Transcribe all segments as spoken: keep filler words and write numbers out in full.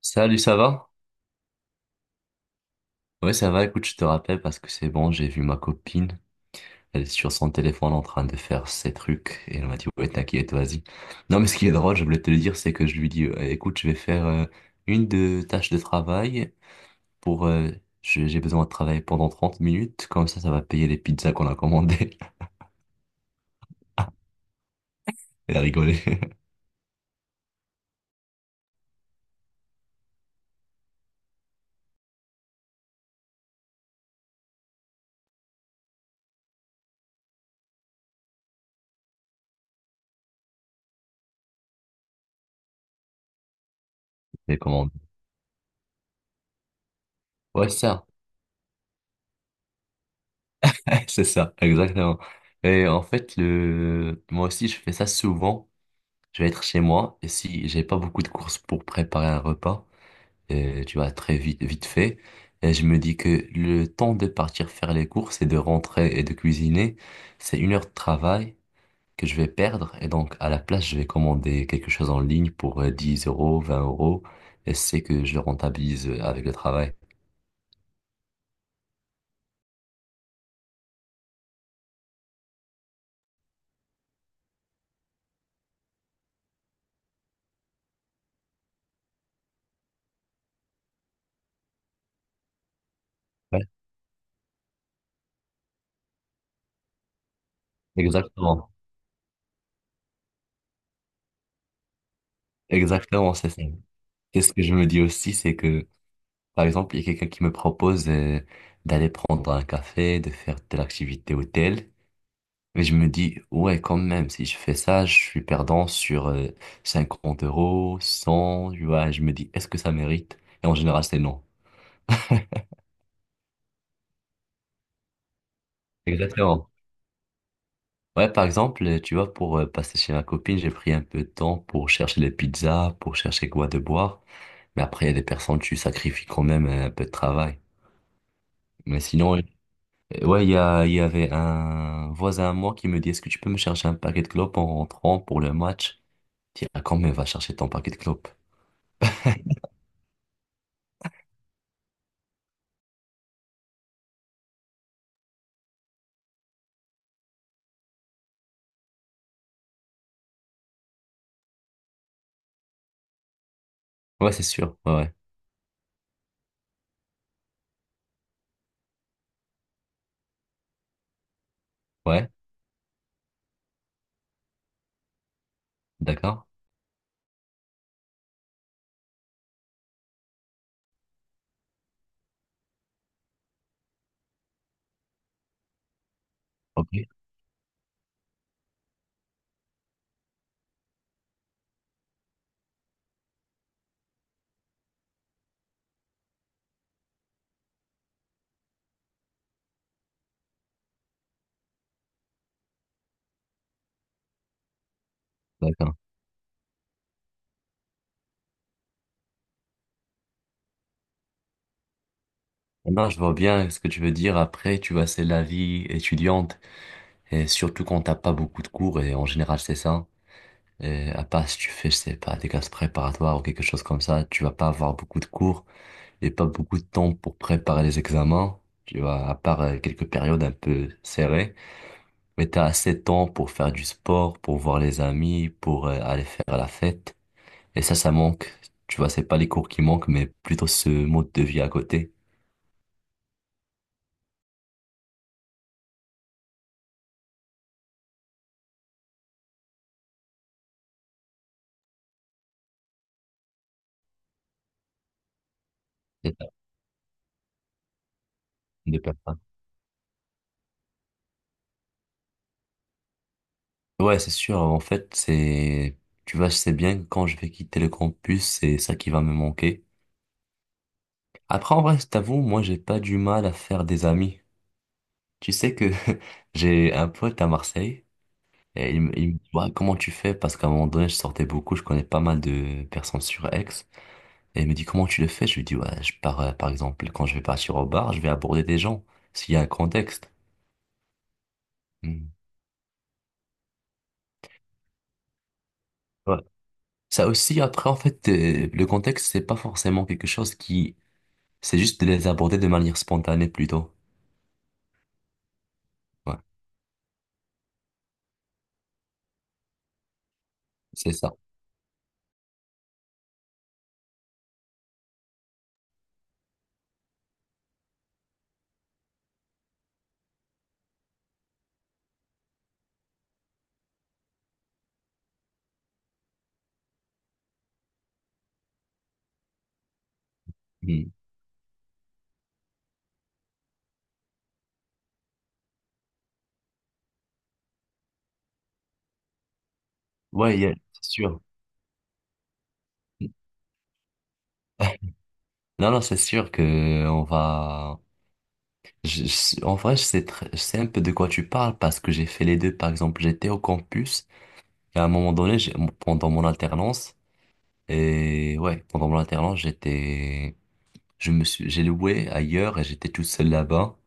Salut, ça va? Ouais, ça va. Écoute, je te rappelle parce que c'est bon, j'ai vu ma copine. Elle est sur son téléphone en train de faire ses trucs et elle m'a dit, ouais, t'inquiète, vas-y. Non, mais ce qui est drôle, je voulais te le dire, c'est que je lui dis, euh, écoute, je vais faire euh, une de tâches de travail pour. euh, je- j'ai besoin de travailler pendant trente minutes, comme ça, ça va payer les pizzas qu'on a commandées. Elle a rigolé. Les commandes. Ouais, c'est ça. C'est ça, exactement. Et en fait, le... moi aussi, je fais ça souvent. Je vais être chez moi et si j'ai pas beaucoup de courses pour préparer un repas, euh, tu vas très vite, vite fait. Et je me dis que le temps de partir faire les courses et de rentrer et de cuisiner, c'est une heure de travail que je vais perdre. Et donc, à la place, je vais commander quelque chose en ligne pour euh, dix euros, vingt euros. Et c'est que je le rentabilise avec le travail. Ouais, exactement. Exactement, c'est ça. Et ce que je me dis aussi, c'est que par exemple, il y a quelqu'un qui me propose euh, d'aller prendre un café, de faire telle activité ou telle. Mais je me dis, ouais, quand même, si je fais ça, je suis perdant sur euh, cinquante euros, cent, tu vois. Je me dis, est-ce que ça mérite? Et en général, c'est non. Exactement. Ouais, par exemple, tu vois, pour euh, passer chez ma copine, j'ai pris un peu de temps pour chercher les pizzas, pour chercher quoi de boire. Mais après, il y a des personnes, tu sacrifies quand même euh, un peu de travail. Mais sinon, ouais, il y a, il y avait un voisin à moi qui me dit, est-ce que tu peux me chercher un paquet de clopes en rentrant pour le match? Je dis, ah, quand même, va chercher ton paquet de clopes. Ouais, c'est sûr. Ouais, ouais. Ouais, d'accord. Ok, d'accord. Non, je vois bien ce que tu veux dire. Après, tu vois, c'est la vie étudiante. Et surtout quand t'as pas beaucoup de cours, et en général, c'est ça. Et à part si tu fais, je sais pas, des classes préparatoires ou quelque chose comme ça, tu vas pas avoir beaucoup de cours et pas beaucoup de temps pour préparer les examens. Tu vois, à part euh, quelques périodes un peu serrées. Mais t'as assez de temps pour faire du sport, pour voir les amis, pour euh, aller faire la fête. Et ça, ça manque. Tu vois, c'est pas les cours qui manquent, mais plutôt ce mode de vie à côté. Et t'as de perdre ça. Ouais, c'est sûr. En fait, c'est, tu vois, je sais bien que quand je vais quitter le campus, c'est ça qui va me manquer. Après, en vrai, je t'avoue, moi, j'ai pas du mal à faire des amis. Tu sais que j'ai un pote à Marseille et il, me- il me dit, ouais, comment tu fais? Parce qu'à un moment donné, je sortais beaucoup, je connais pas mal de personnes sur Aix. Et il me dit, comment tu le fais? Je lui dis, ouais, je pars, euh, par exemple, quand je vais partir au bar, je vais aborder des gens, s'il y a un contexte. Hmm. Ouais. Ça aussi, après, en fait, euh, le contexte, c'est pas forcément quelque chose qui... C'est juste de les aborder de manière spontanée plutôt. Ouais, c'est ça. Hmm. Ouais, yeah, c'est sûr. Non, non, c'est sûr que on va... je- je- en vrai, je sais, très- je sais un peu de quoi tu parles parce que j'ai fait les deux. Par exemple, j'étais au campus et à un moment donné, j'ai- pendant mon alternance, et ouais, pendant mon alternance, j'étais, je me suis, j'ai loué ailleurs et j'étais tout seul là-bas.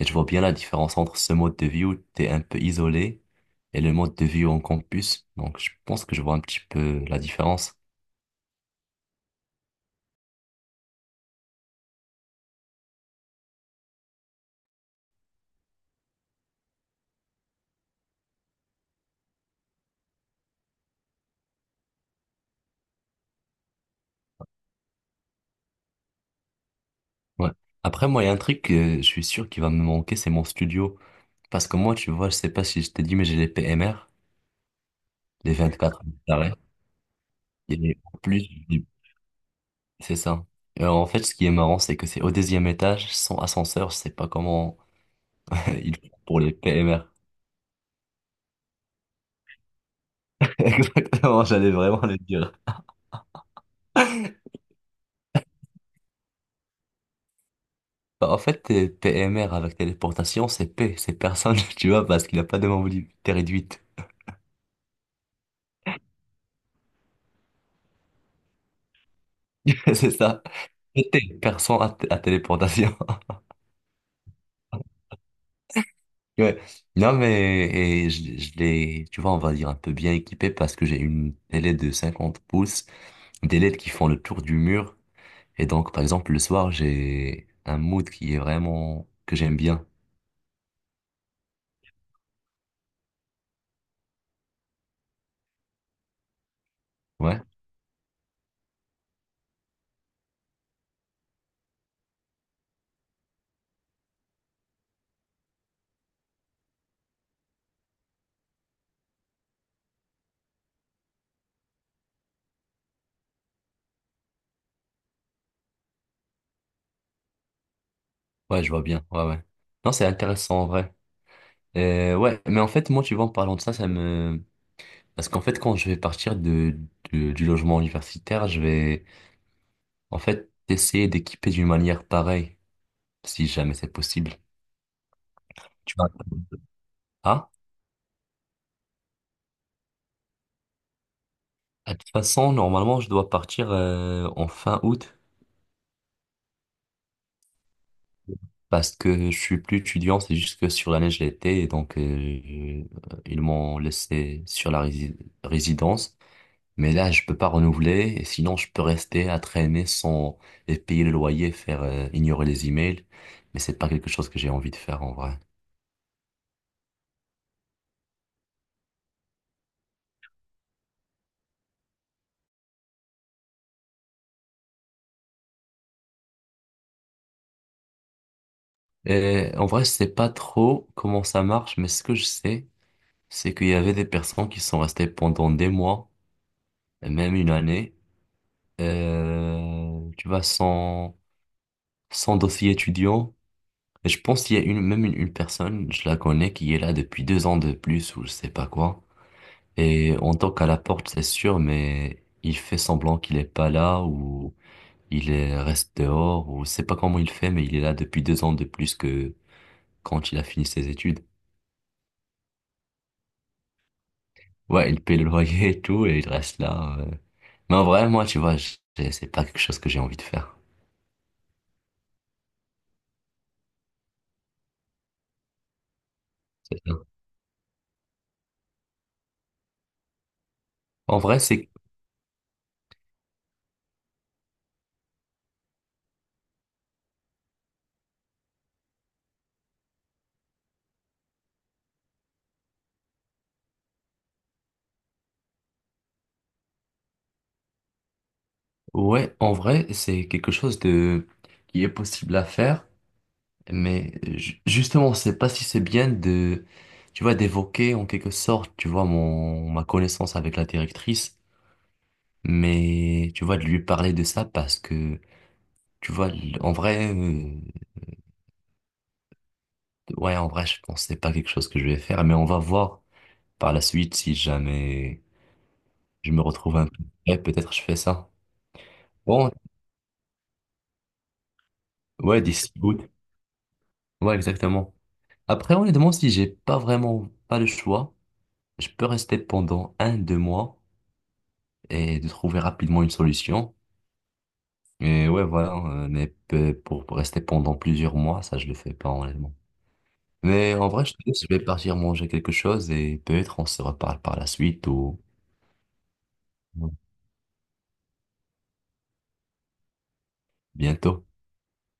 Et je vois bien la différence entre ce mode de vie où t'es un peu isolé et le mode de vie en campus. Donc, je pense que je vois un petit peu la différence. Ouais. Après, moi, il y a un truc que je suis sûr qui va me manquer, c'est mon studio. Parce que moi, tu vois, je sais pas si je t'ai dit, mais j'ai les P M R, les vingt-quatre mètres carrés. Et en plus, j'ai- c'est ça. Euh, en fait, ce qui est marrant, c'est que c'est au deuxième étage, sans ascenseur, je sais pas comment il faut pour les P M R. Exactement, j'allais vraiment le dire. Bah, en fait, euh, P M R avec téléportation, c'est P, c'est personne, tu vois, parce qu'il n'a pas de mobilité réduite. C'est ça. C'était personne à, t- à téléportation. Ouais. Non, mais et je, je l'ai, tu vois, on va dire un peu bien équipé parce que j'ai une télé de cinquante pouces, des L E D qui font le tour du mur. Et donc, par exemple, le soir, j'ai un mood qui est vraiment, que j'aime bien. Ouais, ouais, je vois bien. Ouais, ouais. Non, c'est intéressant en vrai. Euh, ouais, mais en fait, moi, tu vois, en parlant de ça, ça me... Parce qu'en fait, quand je vais partir de, de- du logement universitaire, je vais, en fait, essayer d'équiper d'une manière pareille, si jamais c'est possible. Tu vois. Ah, de toute façon, normalement, je dois partir euh, en fin août, parce que je suis plus étudiant, c'est juste que sur l'année, je l'étais, et donc, euh, ils m'ont laissé sur la rési- résidence. Mais là, je peux pas renouveler, et sinon je peux rester à traîner sans et payer le loyer, faire euh, ignorer les emails, mais c'est pas quelque chose que j'ai envie de faire en vrai. Et en vrai, je sais pas trop comment ça marche, mais ce que je sais, c'est qu'il y avait des personnes qui sont restées pendant des mois, même une année, euh, tu vois, sans sans dossier étudiant. Et je pense qu'il y a une même une, une personne, je la connais, qui est là depuis deux ans de plus ou je sais pas quoi. Et on toque à la porte, c'est sûr, mais il fait semblant qu'il est pas là ou il est- reste dehors ou je sais pas comment il fait, mais il est là depuis deux ans de plus que quand il a fini ses études. Ouais, il paye le loyer et tout et il reste là. euh. Mais en vrai, moi, tu vois, je- c'est pas quelque chose que j'ai envie de faire. C'est ça. En vrai, c'est ouais, en vrai, c'est quelque chose de qui est possible à faire, mais ju- justement, je sais pas si c'est bien de, tu vois, d'évoquer en quelque sorte, tu vois, mon, ma connaissance avec la directrice, mais tu vois, de lui parler de ça parce que, tu vois, l- en vrai, euh, ouais, en vrai, je pense que c'est pas quelque chose que je vais faire, mais on va voir par la suite si jamais je me retrouve un peu. Ouais, peut-être je fais ça. Bon, ouais, d'ici août. Ouais, exactement. Après, honnêtement, si j'ai pas vraiment pas le choix, je peux rester pendant un, deux mois et de trouver rapidement une solution. Et ouais, voilà, euh, mais pe- pour, pour rester pendant plusieurs mois, ça, je le fais pas, honnêtement. Mais en vrai, je te laisse, je vais partir manger quelque chose et peut-être on se reparle par la suite ou ou bientôt.